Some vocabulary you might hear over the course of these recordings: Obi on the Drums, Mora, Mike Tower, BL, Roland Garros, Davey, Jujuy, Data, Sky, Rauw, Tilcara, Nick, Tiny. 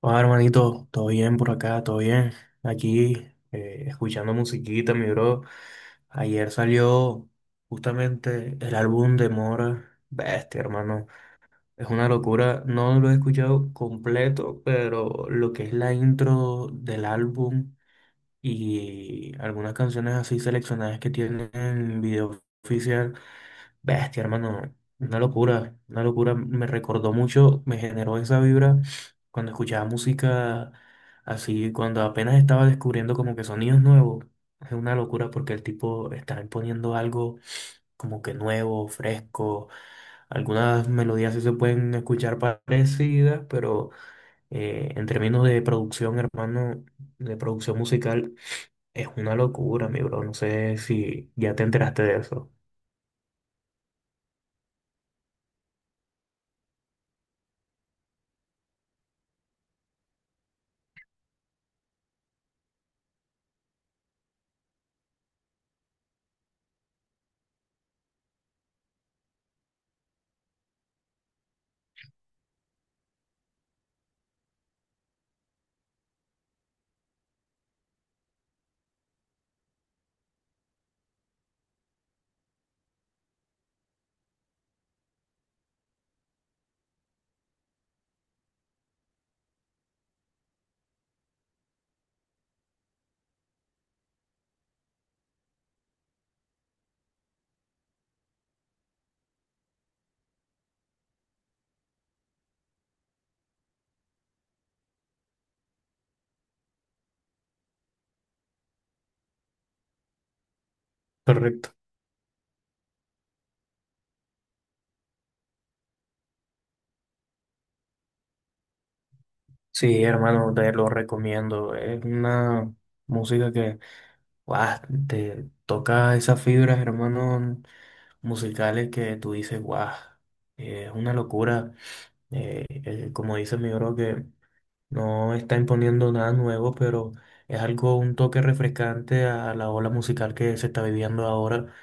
Hola, hermanito, todo bien por acá, todo bien. Aquí, escuchando musiquita, mi bro. Ayer salió justamente el álbum de Mora. Bestia, hermano. Es una locura. No lo he escuchado completo, pero lo que es la intro del álbum y algunas canciones así seleccionadas que tienen video oficial. Bestia, hermano, una locura, una locura. Me recordó mucho, me generó esa vibra cuando escuchaba música así, cuando apenas estaba descubriendo como que sonidos nuevos. Es una locura porque el tipo está imponiendo algo como que nuevo, fresco. Algunas melodías sí se pueden escuchar parecidas, pero en términos de producción, hermano, de producción musical, es una locura, mi bro. No sé si ya te enteraste de eso. Correcto. Sí, hermano, te lo recomiendo. Es una música que guau, te toca esas fibras, hermano, musicales que tú dices, guau, es una locura. Como dice mi bro, que no está imponiendo nada nuevo, pero es algo, un toque refrescante a la ola musical que se está viviendo ahora,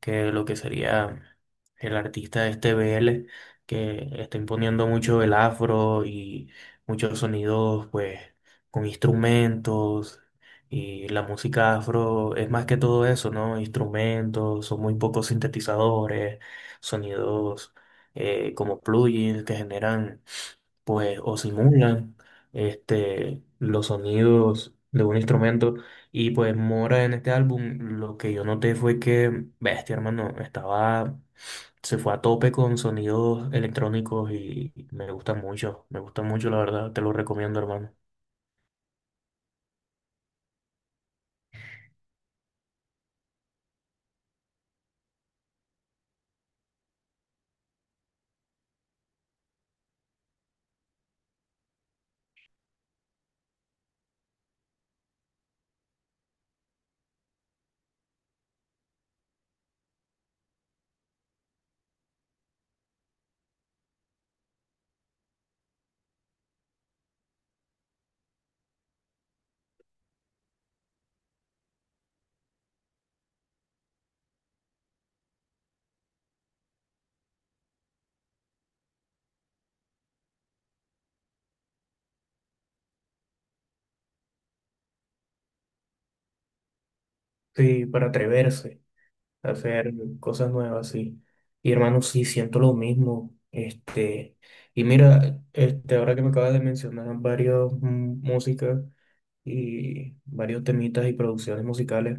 que lo que sería el artista este BL, que está imponiendo mucho el afro y muchos sonidos, pues, con instrumentos. Y la música afro es más que todo eso, ¿no? Instrumentos, son muy pocos sintetizadores, sonidos como plugins que generan, pues, o simulan este, los sonidos de un instrumento. Y pues Mora en este álbum, lo que yo noté fue que, bestia, hermano, se fue a tope con sonidos electrónicos y me gusta mucho, la verdad, te lo recomiendo, hermano. Sí, para atreverse, hacer cosas nuevas, sí. Y hermano, sí, siento lo mismo. Este, y mira, este, ahora que me acabas de mencionar varios músicas y varios temitas y producciones musicales,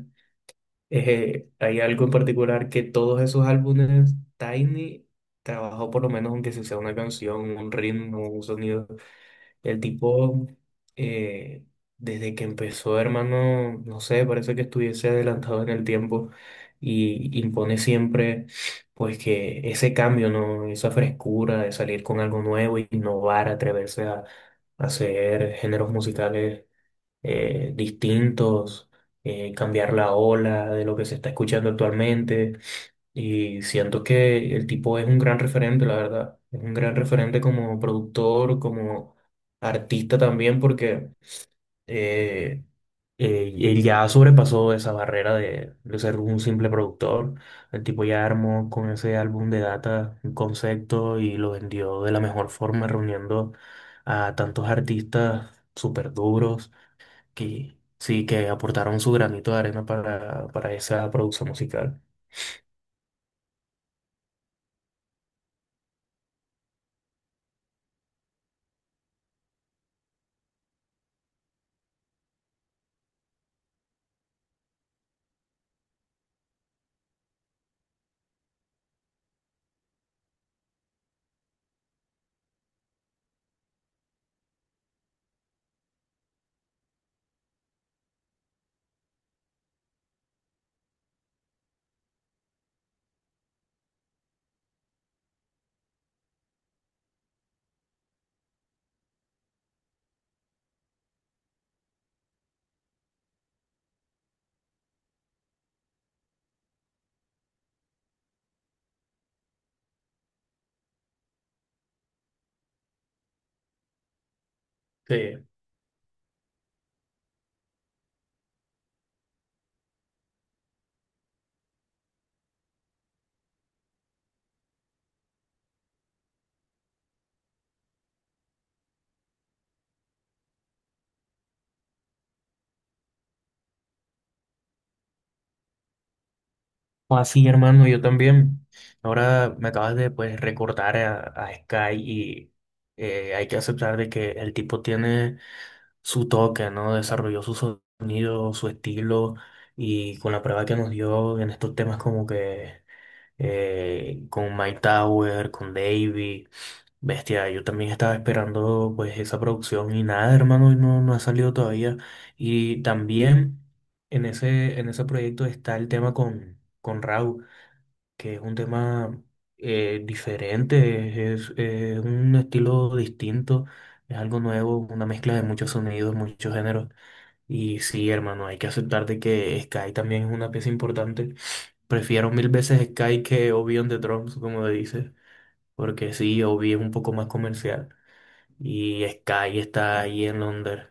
hay algo en particular que todos esos álbumes, Tiny trabajó por lo menos, aunque si sea una canción, un ritmo, un sonido. El tipo, eh, desde que empezó, hermano, no sé, parece que estuviese adelantado en el tiempo y impone siempre, pues, que ese cambio, ¿no? Esa frescura de salir con algo nuevo, innovar, atreverse a hacer géneros musicales distintos, cambiar la ola de lo que se está escuchando actualmente. Y siento que el tipo es un gran referente, la verdad. Es un gran referente como productor, como artista también, porque eh, él ya sobrepasó esa barrera de ser un simple productor. El tipo ya armó con ese álbum de Data un concepto y lo vendió de la mejor forma, reuniendo a tantos artistas súper duros que sí, que aportaron su granito de arena para esa producción musical. Sí, así, hermano, yo también. Ahora me acabas de, pues, recordar a Sky y hay que aceptar de que el tipo tiene su toque, ¿no? Desarrolló su sonido, su estilo y con la prueba que nos dio en estos temas como que con Mike Tower, con Davey, bestia, yo también estaba esperando pues esa producción y nada, hermano, y no, no ha salido todavía. Y también en ese proyecto está el tema con Rauw, que es un tema diferente, es un estilo distinto, es algo nuevo, una mezcla de muchos sonidos, muchos géneros. Y sí, hermano, hay que aceptar de que Sky también es una pieza importante. Prefiero mil veces Sky que Obi on the Drums, como dices, porque sí, Obi es un poco más comercial y Sky está ahí en Londres,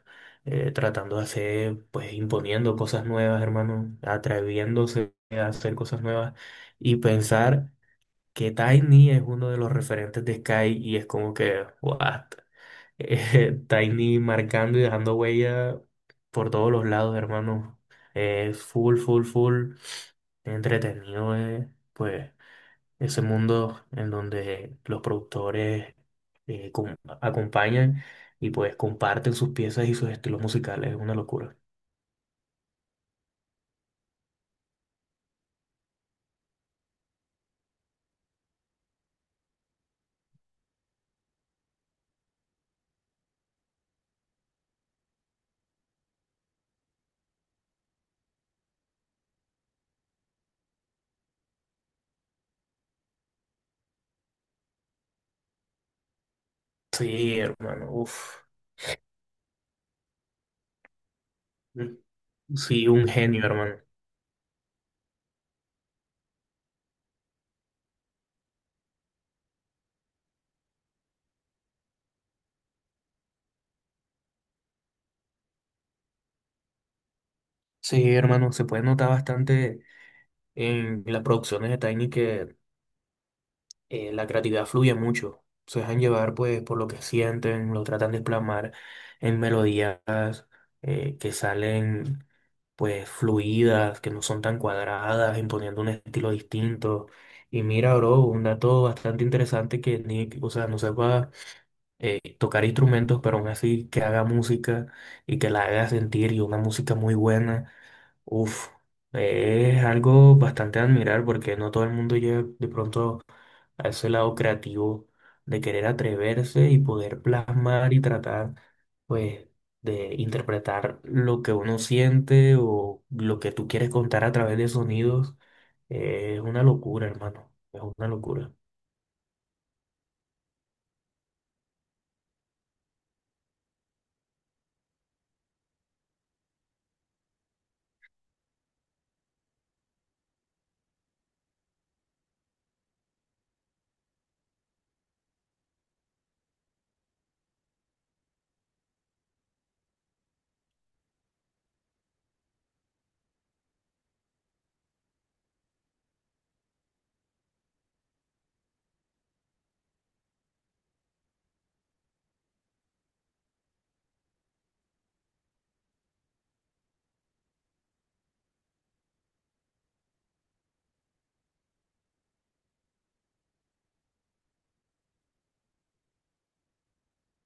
tratando de hacer, pues imponiendo cosas nuevas, hermano, atreviéndose a hacer cosas nuevas. Y pensar que Tiny es uno de los referentes de Sky y es como que, what? Tiny marcando y dejando huella por todos los lados, hermano. Es full, full, full entretenido, pues, ese mundo en donde los productores eh, com- acompañan y pues comparten sus piezas y sus estilos musicales. Es una locura. Sí, hermano, uff. Sí, un genio, hermano. Sí, hermano, se puede notar bastante en las producciones de Tiny que la creatividad fluye mucho. Se dejan llevar pues por lo que sienten, lo tratan de plasmar en melodías que salen pues fluidas, que no son tan cuadradas, imponiendo un estilo distinto. Y mira, bro, un dato bastante interesante que Nick, o sea, no sepa tocar instrumentos, pero aún así que haga música y que la haga sentir y una música muy buena. Uf, es algo bastante a admirar porque no todo el mundo llega de pronto a ese lado creativo de querer atreverse y poder plasmar y tratar, pues, de interpretar lo que uno siente o lo que tú quieres contar a través de sonidos. Es una locura, hermano. Es una locura.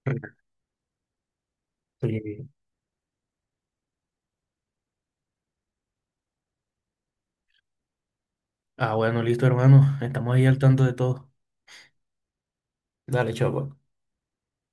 Sí. Ah, bueno, listo, hermano. Estamos ahí al tanto de todo. Dale, chao. Pues.